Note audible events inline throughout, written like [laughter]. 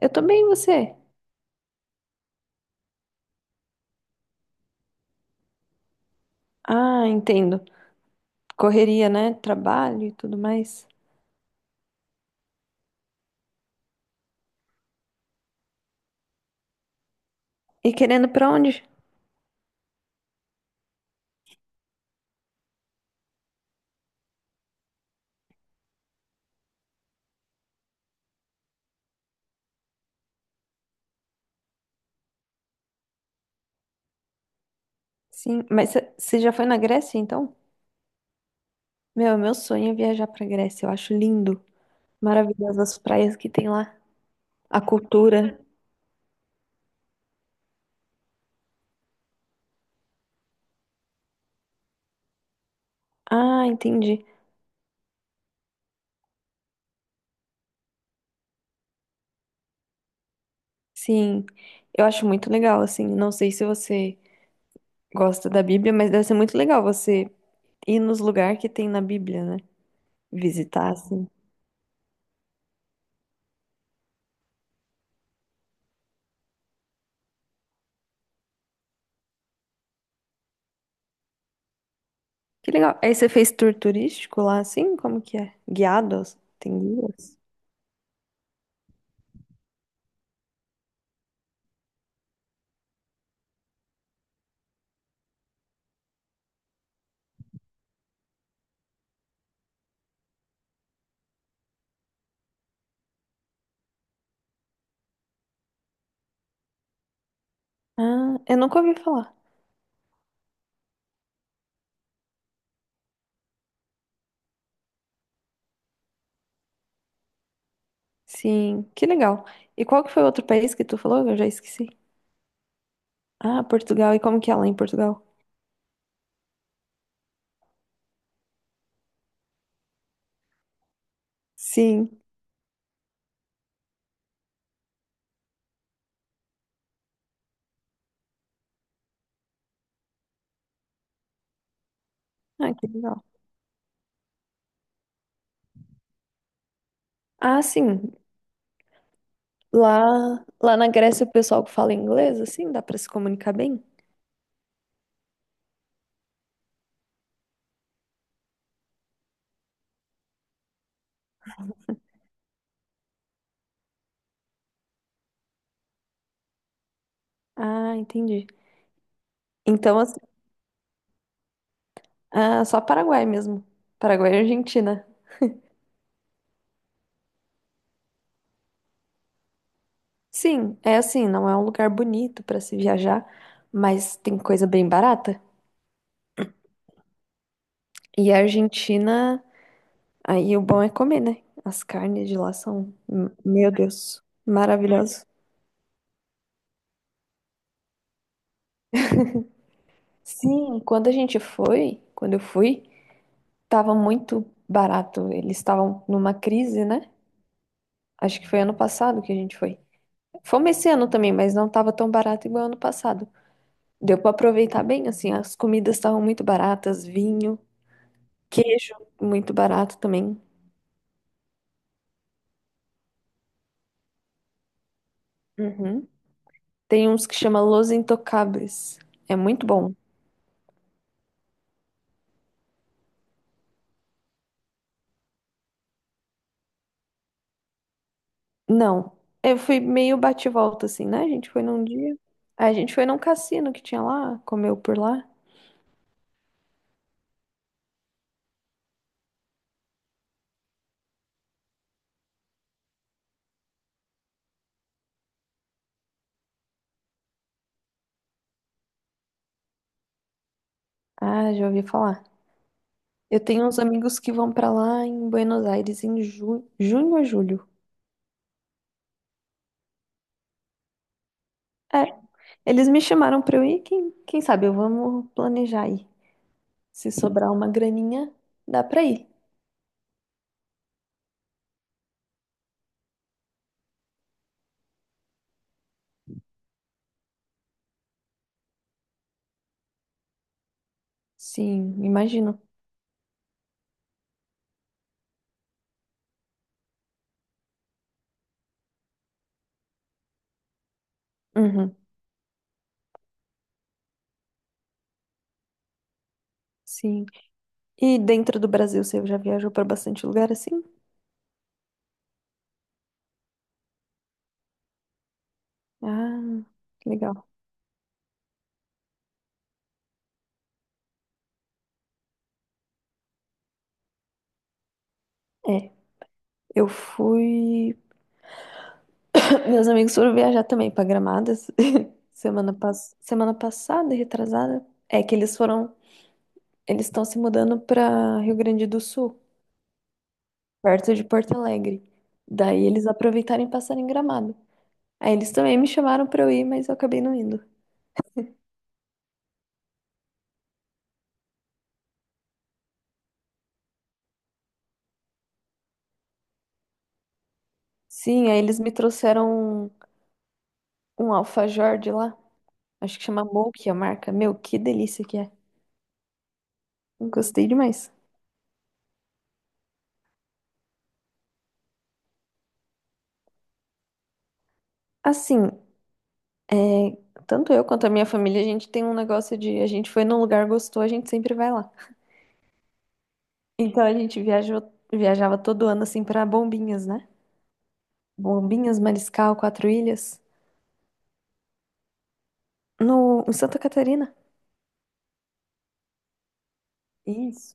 Eu tô bem, e você? Ah, entendo. Correria, né? Trabalho e tudo mais. E querendo pra onde? Sim, mas você já foi na Grécia, então? Meu sonho é viajar pra Grécia. Eu acho lindo. Maravilhosas as praias que tem lá. A cultura. Ah, entendi. Sim. Eu acho muito legal, assim. Não sei se você gosta da Bíblia, mas deve ser muito legal você ir nos lugares que tem na Bíblia, né? Visitar, assim. Que legal. Aí você fez tour turístico lá, assim? Como que é? Guiados? Tem guias? Ah, eu nunca ouvi falar. Sim, que legal. E qual que foi o outro país que tu falou? Eu já esqueci. Ah, Portugal. E como que é lá em Portugal? Sim. Ah, que legal. Ah, sim. Lá, lá na Grécia o pessoal que fala inglês, assim, dá pra se comunicar bem? Ah, entendi. Então, assim, ah, só Paraguai mesmo. Paraguai e Argentina. Sim, é assim, não é um lugar bonito pra se viajar, mas tem coisa bem barata. E a Argentina. Aí o bom é comer, né? As carnes de lá são, meu Deus, maravilhosas. Sim, quando a gente foi, quando eu fui, tava muito barato. Eles estavam numa crise, né? Acho que foi ano passado que a gente foi. Fomos esse ano também, mas não tava tão barato igual ano passado. Deu pra aproveitar bem, assim, as comidas estavam muito baratas, vinho, queijo muito barato também. Uhum. Tem uns que chama Los Intocables. É muito bom. Não, eu fui meio bate e volta assim, né? A gente foi num dia. Aí a gente foi num cassino que tinha lá, comeu por lá. Ah, já ouvi falar. Eu tenho uns amigos que vão pra lá em Buenos Aires em junho ou julho. É, eles me chamaram pra eu ir. Quem sabe eu vamos planejar aí. Se sobrar uma graninha, dá pra ir. Sim, imagino. Uhum, sim. E dentro do Brasil, você já viajou pra bastante lugar assim? Ah, que legal. É, eu fui. Meus amigos foram viajar também pra Gramadas [laughs] semana, semana passada, retrasada. É que eles foram, eles estão se mudando pra Rio Grande do Sul, perto de Porto Alegre. Daí eles aproveitaram e passaram em Gramado. Aí eles também me chamaram pra eu ir, mas eu acabei não indo. Sim, aí eles me trouxeram um alfajor de lá, acho que chama Milk a marca. Meu, que delícia que é. Gostei demais. Assim, é, tanto eu quanto a minha família, a gente tem um negócio de a gente foi num lugar, gostou, a gente sempre vai lá. Então a gente viajou, viajava todo ano assim pra Bombinhas, né? Bombinhas, Mariscal, Quatro Ilhas, no em Santa Catarina. Isso.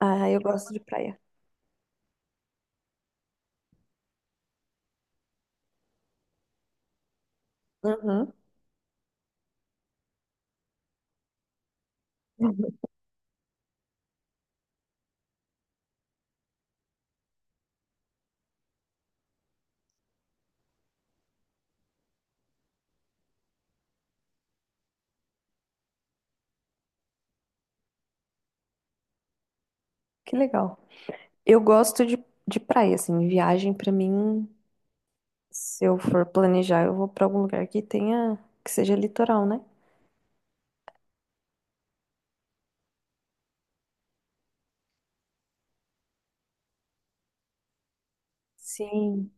Ah, eu gosto de praia. Uhum. [laughs] Uhum. Que legal. Eu gosto de, de praia, assim, viagem pra mim, se eu for planejar, eu vou pra algum lugar que seja litoral, né? Sim.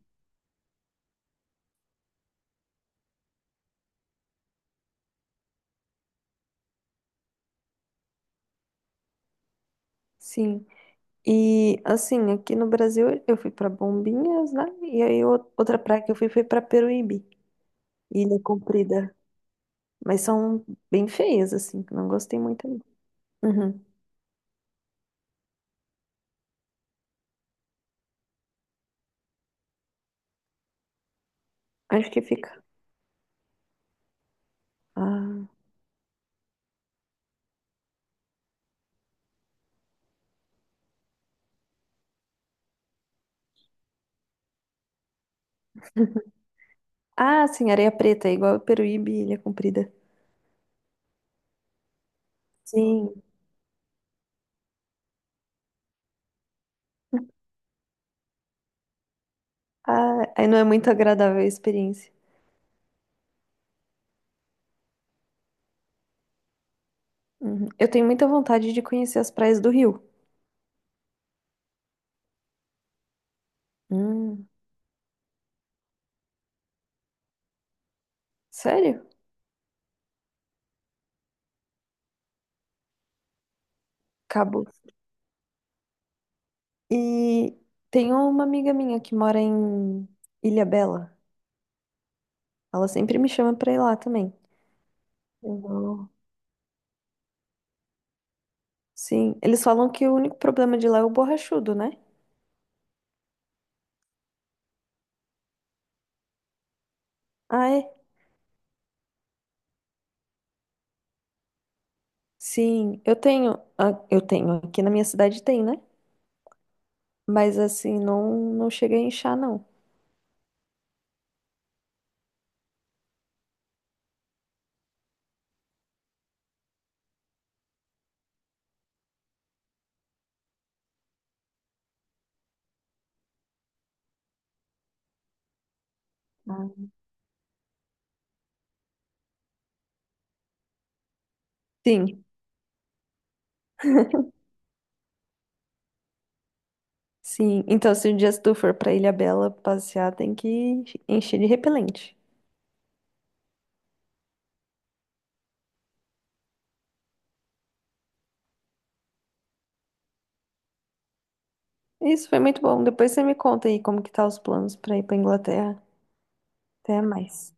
Sim. E assim, aqui no Brasil eu fui pra Bombinhas, né? E aí outra praia que eu fui foi pra Peruíbe, Ilha Comprida. Mas são bem feias, assim. Não gostei muito. Não. Uhum. Onde que fica? Ah. Ah, sim, areia preta, é igual Peruíbe, e Ilha Comprida. Sim. Ah, aí não é muito agradável a experiência. Uhum. Eu tenho muita vontade de conhecer as praias do Rio. Hum, sério? Cabo. E tem uma amiga minha que mora em Ilha Bela. Ela sempre me chama pra ir lá também. Eu vou. Sim, eles falam que o único problema de lá é o borrachudo, né? Ah, é? Sim, eu tenho, ah, eu tenho, aqui na minha cidade tem, né? Mas assim, não cheguei a inchar, não. Ah, sim, sim. Então, se um dia tu for pra Ilha Bela passear, tem que encher de repelente. Isso foi muito bom. Depois você me conta aí como que tá os planos pra ir pra Inglaterra. Até mais.